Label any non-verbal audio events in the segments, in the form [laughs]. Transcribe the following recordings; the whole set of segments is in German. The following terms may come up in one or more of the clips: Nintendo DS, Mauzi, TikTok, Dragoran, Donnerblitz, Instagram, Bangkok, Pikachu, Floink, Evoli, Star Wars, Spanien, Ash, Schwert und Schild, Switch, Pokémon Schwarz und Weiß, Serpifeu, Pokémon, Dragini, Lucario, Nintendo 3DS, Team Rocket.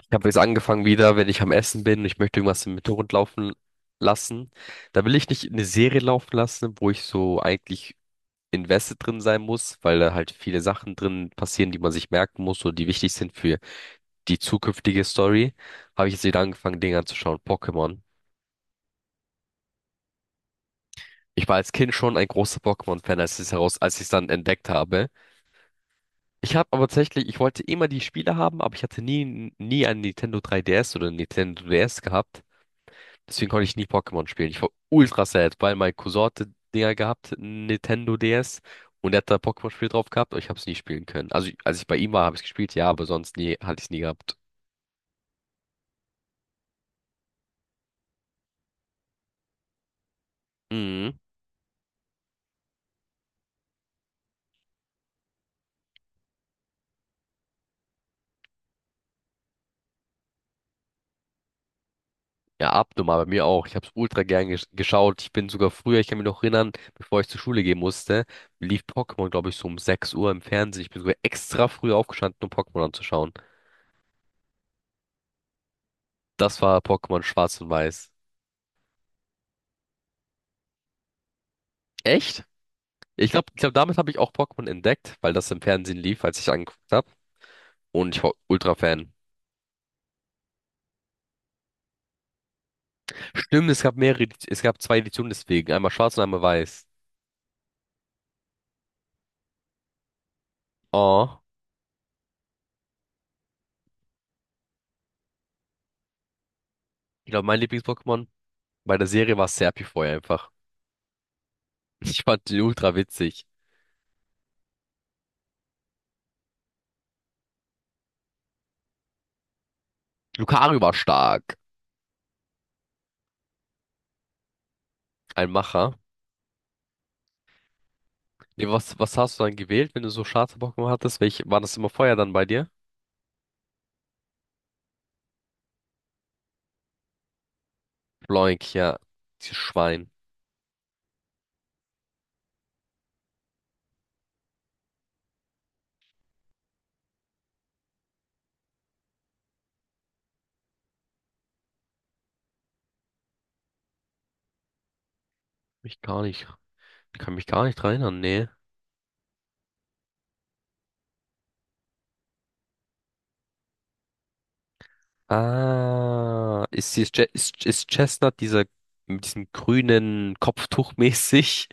Ich habe jetzt angefangen wieder, wenn ich am Essen bin, ich möchte irgendwas im Hintergrund laufen lassen. Da will ich nicht eine Serie laufen lassen, wo ich so eigentlich invested drin sein muss, weil da halt viele Sachen drin passieren, die man sich merken muss oder die wichtig sind für die zukünftige Story. Habe ich jetzt wieder angefangen, Dinge anzuschauen. Pokémon. Ich war als Kind schon ein großer Pokémon-Fan, als ich es dann entdeckt habe. Ich habe aber tatsächlich, ich wollte immer die Spiele haben, aber ich hatte nie ein Nintendo 3DS oder ein Nintendo DS gehabt. Deswegen konnte ich nie Pokémon spielen. Ich war ultra sad, weil mein Cousin hatte Dinger gehabt, Nintendo DS, und er hat da Pokémon-Spiel drauf gehabt, aber ich habe es nie spielen können. Also, als ich bei ihm war, habe ich gespielt, ja, aber sonst nie, hatte ich es nie gehabt. Mhm. Ja, abnormal, bei mir auch. Ich habe es ultra gern geschaut. Ich bin sogar früher, ich kann mich noch erinnern, bevor ich zur Schule gehen musste, lief Pokémon, glaube ich, so um 6 Uhr im Fernsehen. Ich bin sogar extra früh aufgestanden, um Pokémon anzuschauen. Das war Pokémon Schwarz und Weiß. Echt? Ich glaub, damit habe ich auch Pokémon entdeckt, weil das im Fernsehen lief, als ich angeguckt habe. Und ich war Ultra-Fan. Stimmt, es gab mehrere, es gab zwei Editionen deswegen. Einmal schwarz und einmal weiß. Oh, ich glaube, mein Lieblings-Pokémon bei der Serie war Serpifeu einfach. [laughs] Ich fand den ultra witzig. Lucario war stark. Ein Macher. Nee, was hast du dann gewählt, wenn du so schwarze Pokémon hattest? Welche, war das immer Feuer dann bei dir? Floink, ja. Dieses Schwein. Mich gar nicht, ich kann mich gar nicht dran erinnern, nee. Ah, ist Chestnut dieser mit diesem grünen Kopftuch mäßig?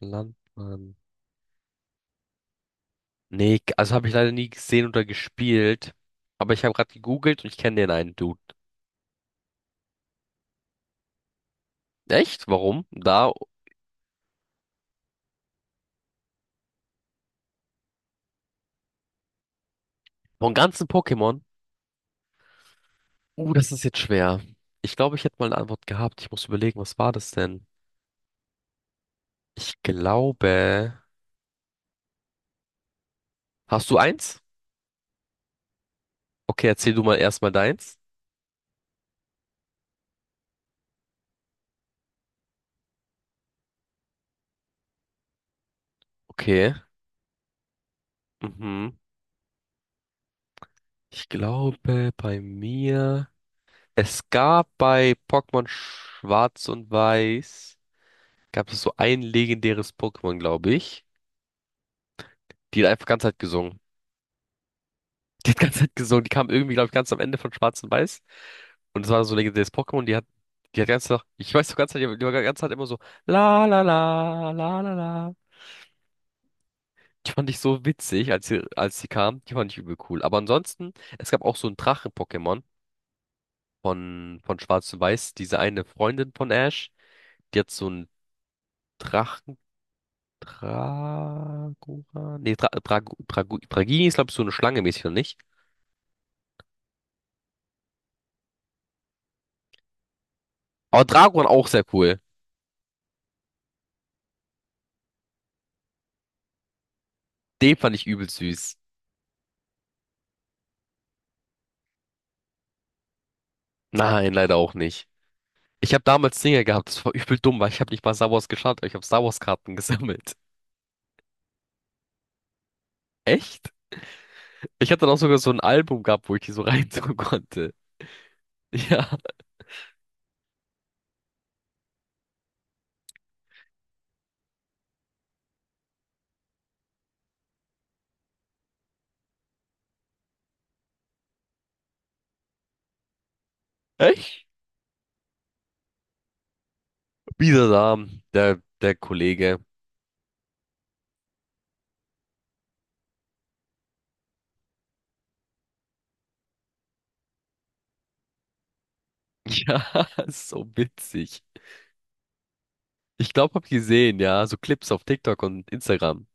Landmann. Nee, also habe ich leider nie gesehen oder gespielt. Aber ich habe gerade gegoogelt und ich kenne den einen Dude. Echt? Warum? Da, von ganzen Pokémon? Das ist jetzt schwer. Ich glaube, ich hätte mal eine Antwort gehabt. Ich muss überlegen, was war das denn? Ich glaube. Hast du eins? Okay, erzähl du mal erstmal deins. Okay. Mhm. Ich glaube, bei mir. Es gab bei Pokémon Schwarz und Weiß. Gab es so ein legendäres Pokémon, glaube ich. Die hat einfach ganze Zeit gesungen. [laughs] Die hat ganze Zeit gesungen. Die kam irgendwie, glaube ich, ganz am Ende von Schwarz und Weiß. Und es war so ein legendäres Pokémon. Die hat ganze Zeit, ich weiß so ganze Zeit, die war ganze Zeit immer so, la la la, la la la. Die fand ich so witzig, als sie kam. Die fand ich übel cool. Aber ansonsten, es gab auch so ein Drachen-Pokémon von Schwarz und Weiß. Diese eine Freundin von Ash, die hat so einen Drachen, Dragora, nee, Dra Drag Drag Dragini ist, glaube ich, so eine Schlange mäßig, oder nicht? Aber Dragoran auch sehr cool. Den fand ich übel süß. Nein, leider auch nicht. Ich habe damals Dinger gehabt, das war übel dumm, weil ich habe nicht mal Star Wars geschaut, aber ich habe Star Wars Karten [laughs] gesammelt. Echt? Ich hatte dann auch sogar so ein Album gehabt, wo ich die so [laughs] reintun konnte. Ja, echt? Wieder da, der Kollege. Ja, [laughs] so witzig. Ich glaube, hab gesehen, ja, so Clips auf TikTok und Instagram.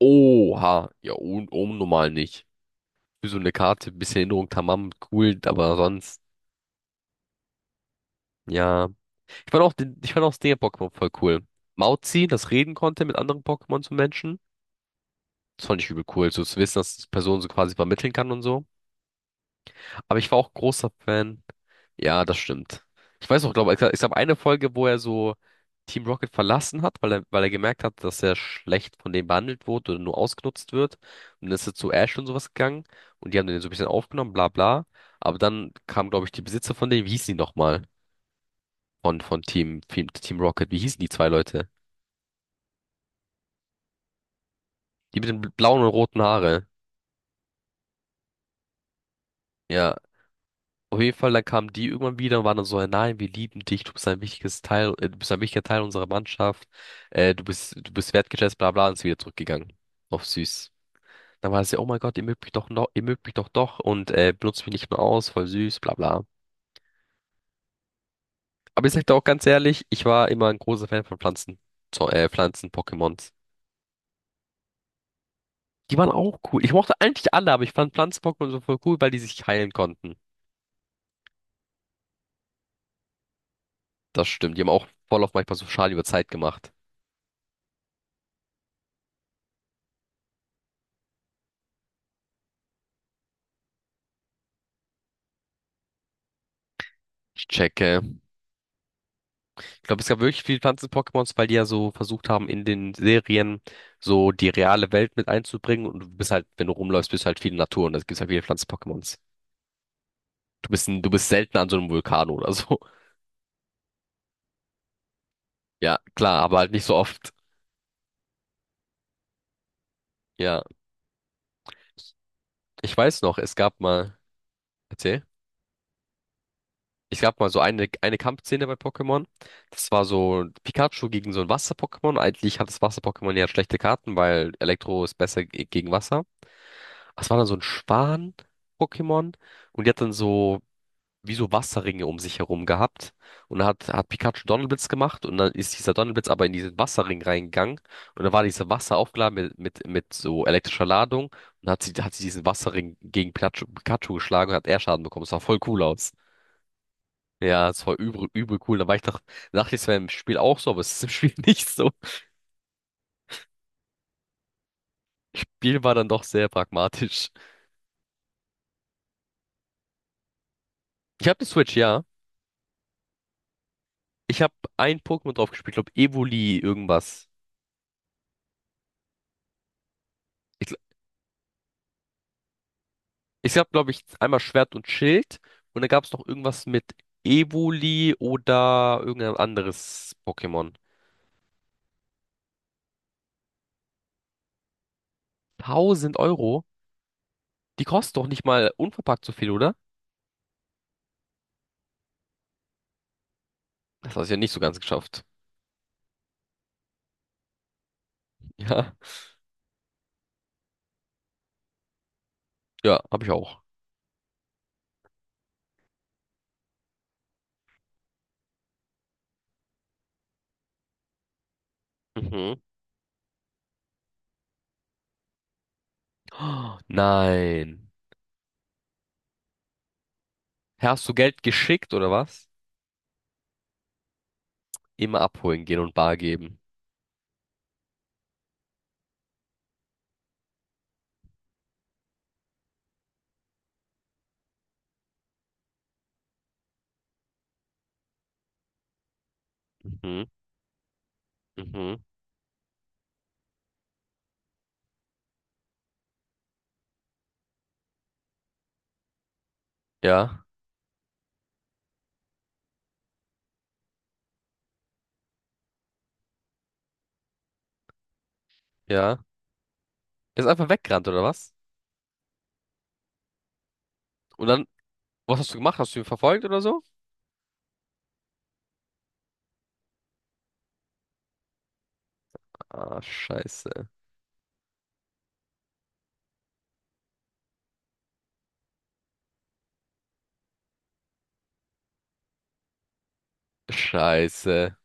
Oha, ja, un unnormal nicht. Für so eine Karte, bisschen Erinnerung, tamam, cool, aber sonst, ja. Ich fand auch das den Pokémon voll cool. Mauzi, das reden konnte mit anderen Pokémon zu Menschen. Das fand ich übel cool, so zu wissen, dass die Person so quasi vermitteln kann und so. Aber ich war auch großer Fan. Ja, das stimmt. Ich weiß auch, glaube ich, ich glaube eine Folge, wo er so Team Rocket verlassen hat, weil er gemerkt hat, dass er schlecht von denen behandelt wurde oder nur ausgenutzt wird. Und dann ist er zu Ash und sowas gegangen und die haben den so ein bisschen aufgenommen, bla bla. Aber dann kam, glaube ich, die Besitzer von denen, wie hießen die nochmal? Von Team Rocket, wie hießen die zwei Leute? Die mit den blauen und roten Haare. Ja, auf jeden Fall, dann kamen die irgendwann wieder und waren dann so, "Hey, nein, wir lieben dich, du bist ein wichtiges Teil, du bist ein wichtiger Teil unserer Mannschaft, du bist wertgeschätzt, bla bla, und ist wieder zurückgegangen. Auf süß. Dann war es ja, oh mein Gott, ihr mögt mich doch noch, ihr mögt mich doch doch und benutzt mich nicht nur aus, voll süß, bla bla. Aber ich sag dir auch ganz ehrlich, ich war immer ein großer Fan von Pflanzen, so, Pflanzen-Pokémons. Die waren auch cool. Ich mochte eigentlich alle, aber ich fand Pflanzen-Pokémon so voll cool, weil die sich heilen konnten. Das stimmt. Die haben auch voll auf manchmal so Schaden über Zeit gemacht. Ich checke. Ich glaube, es gab wirklich viele Pflanzen-Pokémons, weil die ja so versucht haben, in den Serien so die reale Welt mit einzubringen. Und du bist halt, wenn du rumläufst, bist du halt viel in der Natur und das gibt's halt viele Pflanzen-Pokémons. Du bist, du bist selten an so einem Vulkan oder so. [laughs] Ja, klar, aber halt nicht so oft. Ja. Ich weiß noch, es gab mal, erzähl, es gab mal so eine Kampfszene bei Pokémon. Das war so Pikachu gegen so ein Wasser-Pokémon. Eigentlich hat das Wasser-Pokémon ja schlechte Karten, weil Elektro ist besser gegen Wasser. Das war dann so ein Schwan-Pokémon und die hat dann so wie so Wasserringe um sich herum gehabt. Und da hat Pikachu Donnerblitz gemacht und dann ist dieser Donnerblitz aber in diesen Wasserring reingegangen und dann war dieses Wasser aufgeladen mit so elektrischer Ladung und hat sie diesen Wasserring gegen Pikachu geschlagen und hat er Schaden bekommen. Das sah voll cool aus. Ja, es war übel, übel cool. Da war ich dachte, es wäre im Spiel auch so, aber es ist im Spiel [laughs] nicht so. Das Spiel war dann doch sehr pragmatisch. Ich habe die Switch, ja. Ich habe ein Pokémon drauf gespielt, glaube Evoli irgendwas. Ich, gl- ich habe, glaube ich, einmal Schwert und Schild und dann gab es noch irgendwas mit Evoli oder irgendein anderes Pokémon. 1.000 Euro? Die kosten doch nicht mal unverpackt so viel, oder? Das hast du ja nicht so ganz geschafft. [laughs] Ja, ja, habe ich auch. Mhm. [gasps] Oh, nein. Hast du Geld geschickt oder was? Immer abholen gehen und bar geben. Mhm, mhm. Ja, ja. Er ist einfach weggerannt oder was? Und dann? Was hast du gemacht? Hast du ihn verfolgt oder so? Ah, scheiße. Scheiße.